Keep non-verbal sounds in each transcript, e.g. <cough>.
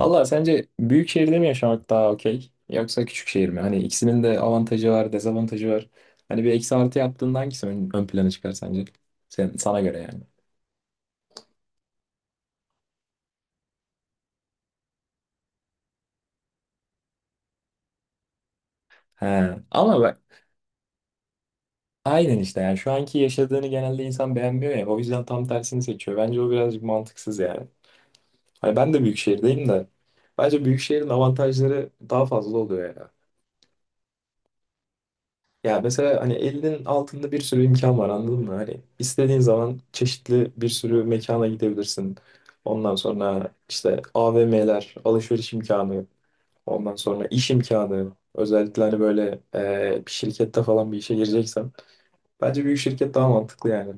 Valla sence büyük şehirde mi yaşamak daha okey yoksa küçük şehir mi? Hani ikisinin de avantajı var, dezavantajı var. Hani bir eksi artı yaptığında hangisi ön plana çıkar sence? Sana göre yani. He. Ama bak aynen işte yani şu anki yaşadığını genelde insan beğenmiyor ya o yüzden tam tersini seçiyor. Bence o birazcık mantıksız yani. Hani ben de büyük şehirdeyim de bence büyük şehrin avantajları daha fazla oluyor ya. Ya mesela hani elinin altında bir sürü imkan var anladın mı? Hani istediğin zaman çeşitli bir sürü mekana gidebilirsin. Ondan sonra işte AVM'ler, alışveriş imkanı, ondan sonra iş imkanı. Özellikle hani böyle bir şirkette falan bir işe gireceksen. Bence büyük şirket daha mantıklı yani.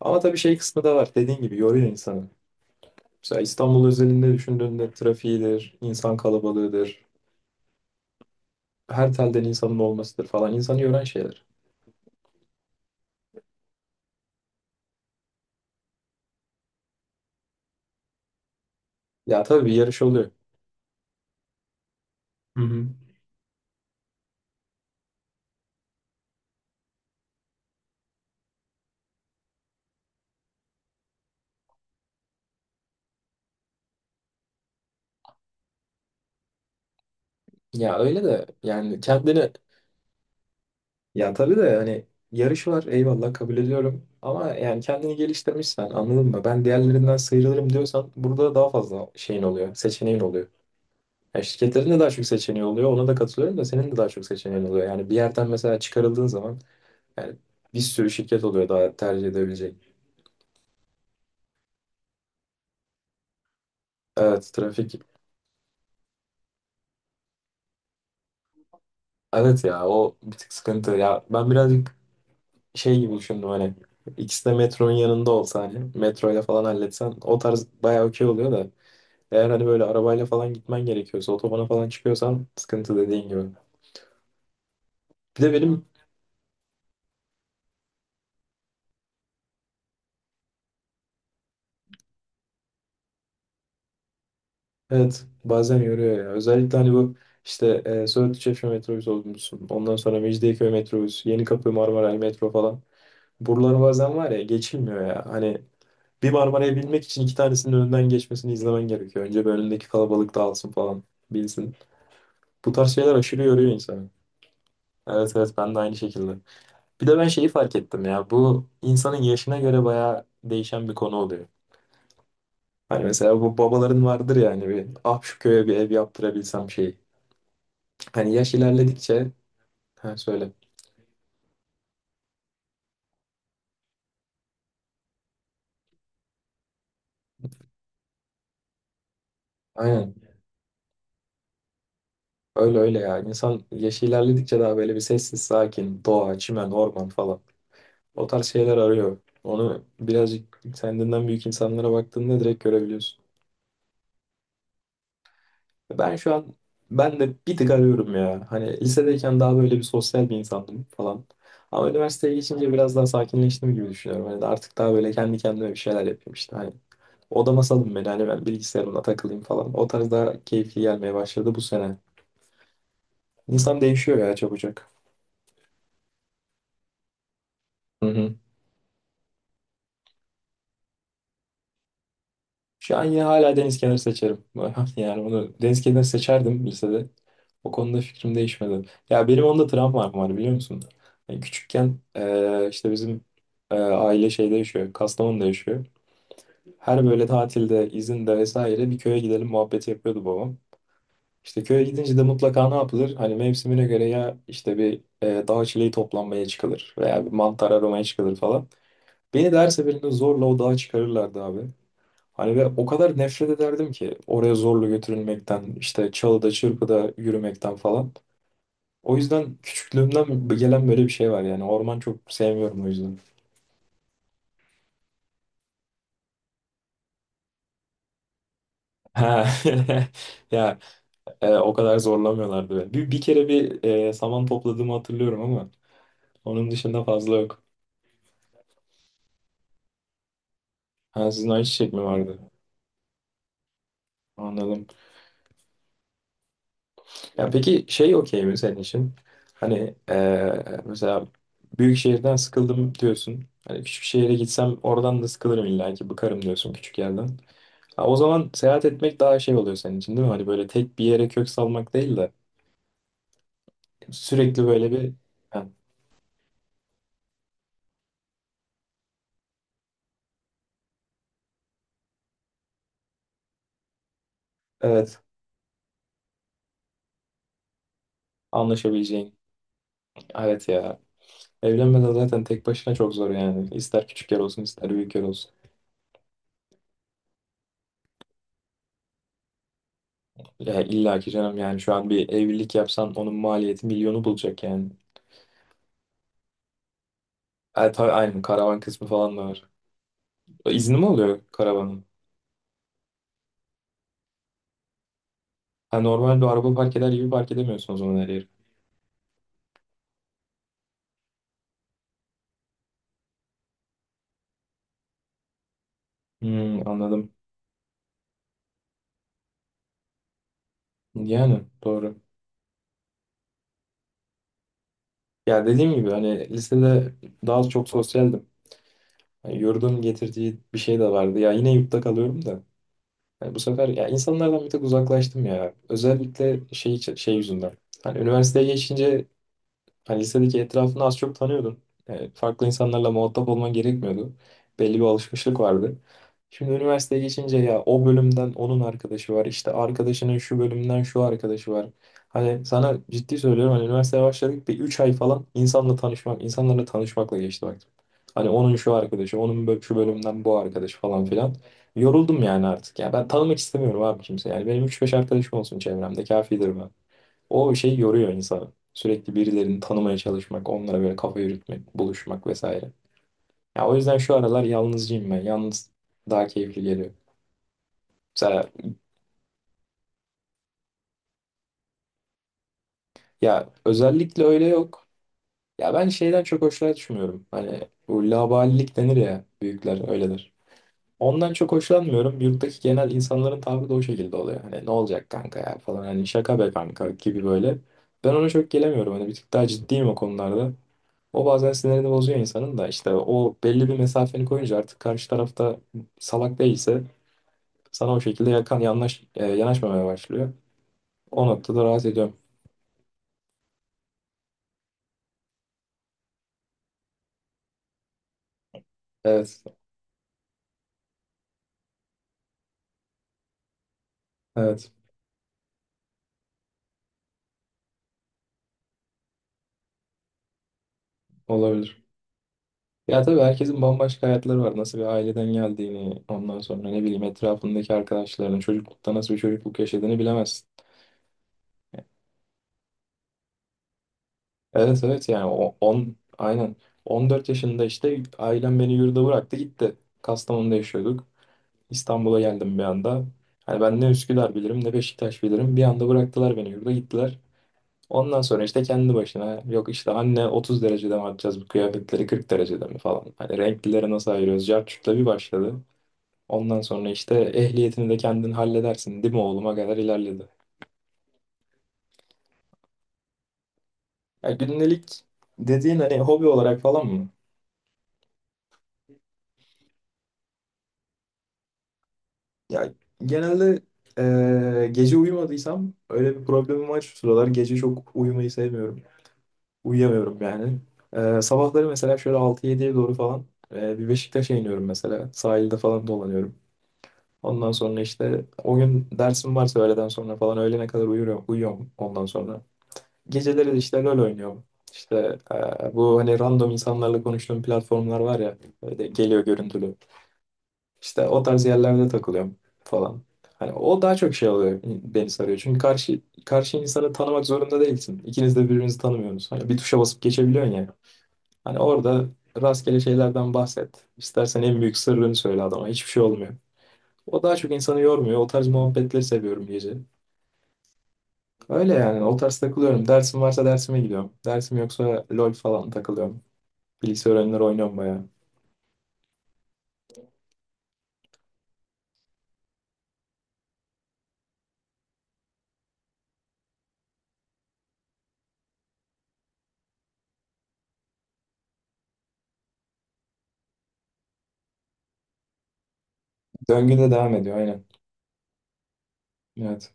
Ama tabii şey kısmı da var. Dediğin gibi yoruyor insanı. Mesela İstanbul özelinde düşündüğünde trafiğidir, insan kalabalığıdır, her telden insanın olmasıdır falan insanı yoran şeyler. Ya tabii bir yarış oluyor. Hı hı. Ya öyle de yani kendini ya tabii de hani yarış var, eyvallah kabul ediyorum. Ama yani kendini geliştirmişsen anladın mı? Ben diğerlerinden sıyrılırım diyorsan burada daha fazla şeyin oluyor, seçeneğin oluyor. Ya şirketlerin de daha çok seçeneği oluyor. Ona da katılıyorum da senin de daha çok seçeneğin oluyor. Yani bir yerden mesela çıkarıldığın zaman yani bir sürü şirket oluyor daha tercih edebileceğin. Evet, trafik. Evet ya, o bir tık sıkıntı. Ya ben birazcık şey gibi düşündüm hani ikisi de metronun yanında olsa hani metroyla falan halletsen o tarz bayağı okey oluyor da eğer hani böyle arabayla falan gitmen gerekiyorsa otobana falan çıkıyorsan sıkıntı dediğin gibi. Bir de benim, evet bazen yoruyor ya özellikle hani bu işte Söğütlü Çeşme metrobüsü olmuşsun ondan sonra Mecidiyeköy metrobüsü Yenikapı Marmaray metro falan buralar bazen var ya geçilmiyor ya hani bir Marmara'ya binmek için iki tanesinin önünden geçmesini izlemen gerekiyor. Önce bir önündeki kalabalık dağılsın falan bilsin. Bu tarz şeyler aşırı yoruyor insanı. Evet evet, ben de aynı şekilde. Bir de ben şeyi fark ettim ya bu insanın yaşına göre bayağı değişen bir konu oluyor. Hani mesela bu babaların vardır yani bir ah şu köye bir ev yaptırabilsem şeyi. Hani yaş ilerledikçe, ha söyle. Aynen, öyle öyle ya, insan yaş ilerledikçe daha böyle bir sessiz sakin doğa çimen orman falan o tarz şeyler arıyor. Onu birazcık kendinden büyük insanlara baktığında direkt görebiliyorsun. Ben şu an, ben de bir tık arıyorum ya. Hani lisedeyken daha böyle bir sosyal bir insandım falan. Ama üniversiteye geçince biraz daha sakinleştim gibi düşünüyorum. Hani de artık daha böyle kendi kendime bir şeyler yapayım işte. Hani odama salın beni, hani ben bilgisayarımla takılayım falan. O tarz daha keyifli gelmeye başladı bu sene. İnsan değişiyor ya çabucak. Hı hı. Şu an yine hala deniz kenarı seçerim. <laughs> Yani onu deniz kenarı seçerdim lisede. O konuda fikrim değişmedi. Ya benim onda travmam var, biliyor musun? Yani küçükken işte bizim aile şeyde yaşıyor. Kastamonu'da yaşıyor. Her böyle tatilde, izinde vesaire bir köye gidelim muhabbeti yapıyordu babam. İşte köye gidince de mutlaka ne yapılır? Hani mevsimine göre ya işte bir dağ çileği toplanmaya çıkılır veya bir mantar aramaya çıkılır falan. Beni de her seferinde zorla o dağa çıkarırlardı abi. Hani ve o kadar nefret ederdim ki oraya zorla götürülmekten, işte çalıda çırpıda yürümekten falan. O yüzden küçüklüğümden gelen böyle bir şey var yani. Orman çok sevmiyorum o yüzden. Ha. <laughs> Ya o kadar zorlamıyorlardı beni. Bir kere bir saman topladığımı hatırlıyorum ama onun dışında fazla yok. Ha, sizin ayçiçek mi vardı? Anladım. Ya peki şey okey mi senin için? Hani mesela büyük şehirden sıkıldım diyorsun. Hani küçük şehire gitsem oradan da sıkılırım illa ki bıkarım diyorsun küçük yerden. Ha, o zaman seyahat etmek daha şey oluyor senin için değil mi? Hani böyle tek bir yere kök salmak değil de sürekli böyle bir, ha, evet anlaşabileceğin. Evet ya. Evlenmeden zaten tek başına çok zor yani. İster küçük yer olsun ister büyük yer olsun. Ya illa ki canım yani şu an bir evlilik yapsan onun maliyeti milyonu bulacak yani. Tabii aynen karavan kısmı falan da var. İzni mi oluyor karavanın? Ha, normal bir araba park eder gibi park edemiyorsun o zaman her yeri. Hmm, anladım. Yani doğru. Ya dediğim gibi hani lisede daha çok sosyaldim. Yani yurdun getirdiği bir şey de vardı. Ya yine yurtta kalıyorum da. Yani bu sefer ya insanlardan bir tek uzaklaştım ya. Özellikle şey yüzünden. Hani üniversiteye geçince, hani lisedeki etrafını az çok tanıyordun. Farklı insanlarla muhatap olman gerekmiyordu. Belli bir alışmışlık vardı. Şimdi üniversiteye geçince ya o bölümden onun arkadaşı var. İşte arkadaşının şu bölümden şu arkadaşı var. Hani sana ciddi söylüyorum hani üniversiteye başladık bir 3 ay falan insanla tanışmak, insanlarla tanışmakla geçti bak. Hani onun şu arkadaşı, onun şu bölümden bu arkadaş falan filan. Yoruldum yani artık ya. Ben tanımak istemiyorum abi kimse. Yani benim üç beş arkadaşım olsun çevremde kafidir, o şey yoruyor insanı. Sürekli birilerini tanımaya çalışmak, onlara böyle kafa yürütmek, buluşmak vesaire. Ya o yüzden şu aralar yalnızcıyım ben. Yalnız daha keyifli geliyor. Mesela, ya özellikle öyle yok. Ya ben şeyden çok hoşlanmıyorum. Hani bu laubalilik denir ya, büyükler öyledir. Ondan çok hoşlanmıyorum. Yurttaki genel insanların tavrı da o şekilde oluyor. Hani ne olacak kanka ya falan. Hani şaka be kanka gibi böyle. Ben ona çok gelemiyorum. Hani bir tık daha ciddiyim o konularda. O bazen sinirini bozuyor insanın da işte o belli bir mesafeni koyunca artık karşı tarafta salak değilse sana o şekilde yanaşmamaya başlıyor. O noktada rahat ediyorum. Evet, evet olabilir. Ya tabii herkesin bambaşka hayatları var. Nasıl bir aileden geldiğini, ondan sonra ne bileyim etrafındaki arkadaşlarının çocuklukta nasıl bir çocukluk yaşadığını bilemezsin. Evet evet, yani o 10 aynen 14 yaşında işte ailem beni yurda bıraktı gitti. Kastamonu'da yaşıyorduk. İstanbul'a geldim bir anda. Hani ben ne Üsküdar bilirim ne Beşiktaş bilirim. Bir anda bıraktılar beni yurda gittiler. Ondan sonra işte kendi başına yok işte anne 30 derecede mi atacağız bu kıyafetleri 40 derecede mi falan. Hani renklileri nasıl ayırıyoruz? Cartçuk'la bir başladı. Ondan sonra işte ehliyetini de kendin halledersin değil mi oğluma kadar ilerledi. Ya gündelik dediğin hani hobi olarak falan mı? Ya genelde gece uyumadıysam öyle bir problemim var şu sıralar. Gece çok uyumayı sevmiyorum. Uyuyamıyorum yani. Sabahları mesela şöyle altı yediye doğru falan, bir Beşiktaş'a iniyorum mesela. Sahilde falan dolanıyorum. Ondan sonra işte o gün dersim varsa öğleden sonra falan öğlene kadar uyuyorum, uyuyorum ondan sonra. Geceleri de işte LoL oynuyorum. İşte bu hani random insanlarla konuştuğum platformlar var ya böyle geliyor görüntülü. İşte o tarz yerlerde takılıyorum falan. Hani o daha çok şey oluyor, beni sarıyor. Çünkü karşı insanı tanımak zorunda değilsin. İkiniz de birbirinizi tanımıyorsunuz. Hani bir tuşa basıp geçebiliyorsun ya. Hani orada rastgele şeylerden bahset. İstersen en büyük sırrını söyle adama. Hiçbir şey olmuyor. O daha çok insanı yormuyor. O tarz muhabbetleri seviyorum gece. Öyle yani. O tarz takılıyorum. Dersim varsa dersime gidiyorum. Dersim yoksa LOL falan takılıyorum. Bilgisayar oyunları oynuyorum bayağı. Döngüde devam ediyor aynen. Evet.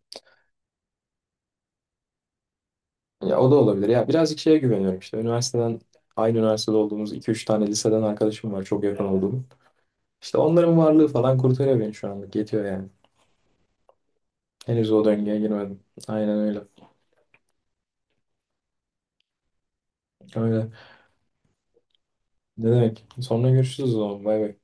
Ya o da olabilir. Ya birazcık şeye güveniyorum işte. Üniversiteden, aynı üniversitede olduğumuz iki üç tane liseden arkadaşım var çok yakın olduğum. İşte onların varlığı falan kurtarıyor beni şu anlık. Yetiyor yani. Henüz o döngüye girmedim. Aynen öyle. Öyle. Ne demek? Sonra görüşürüz o zaman. Bay bay.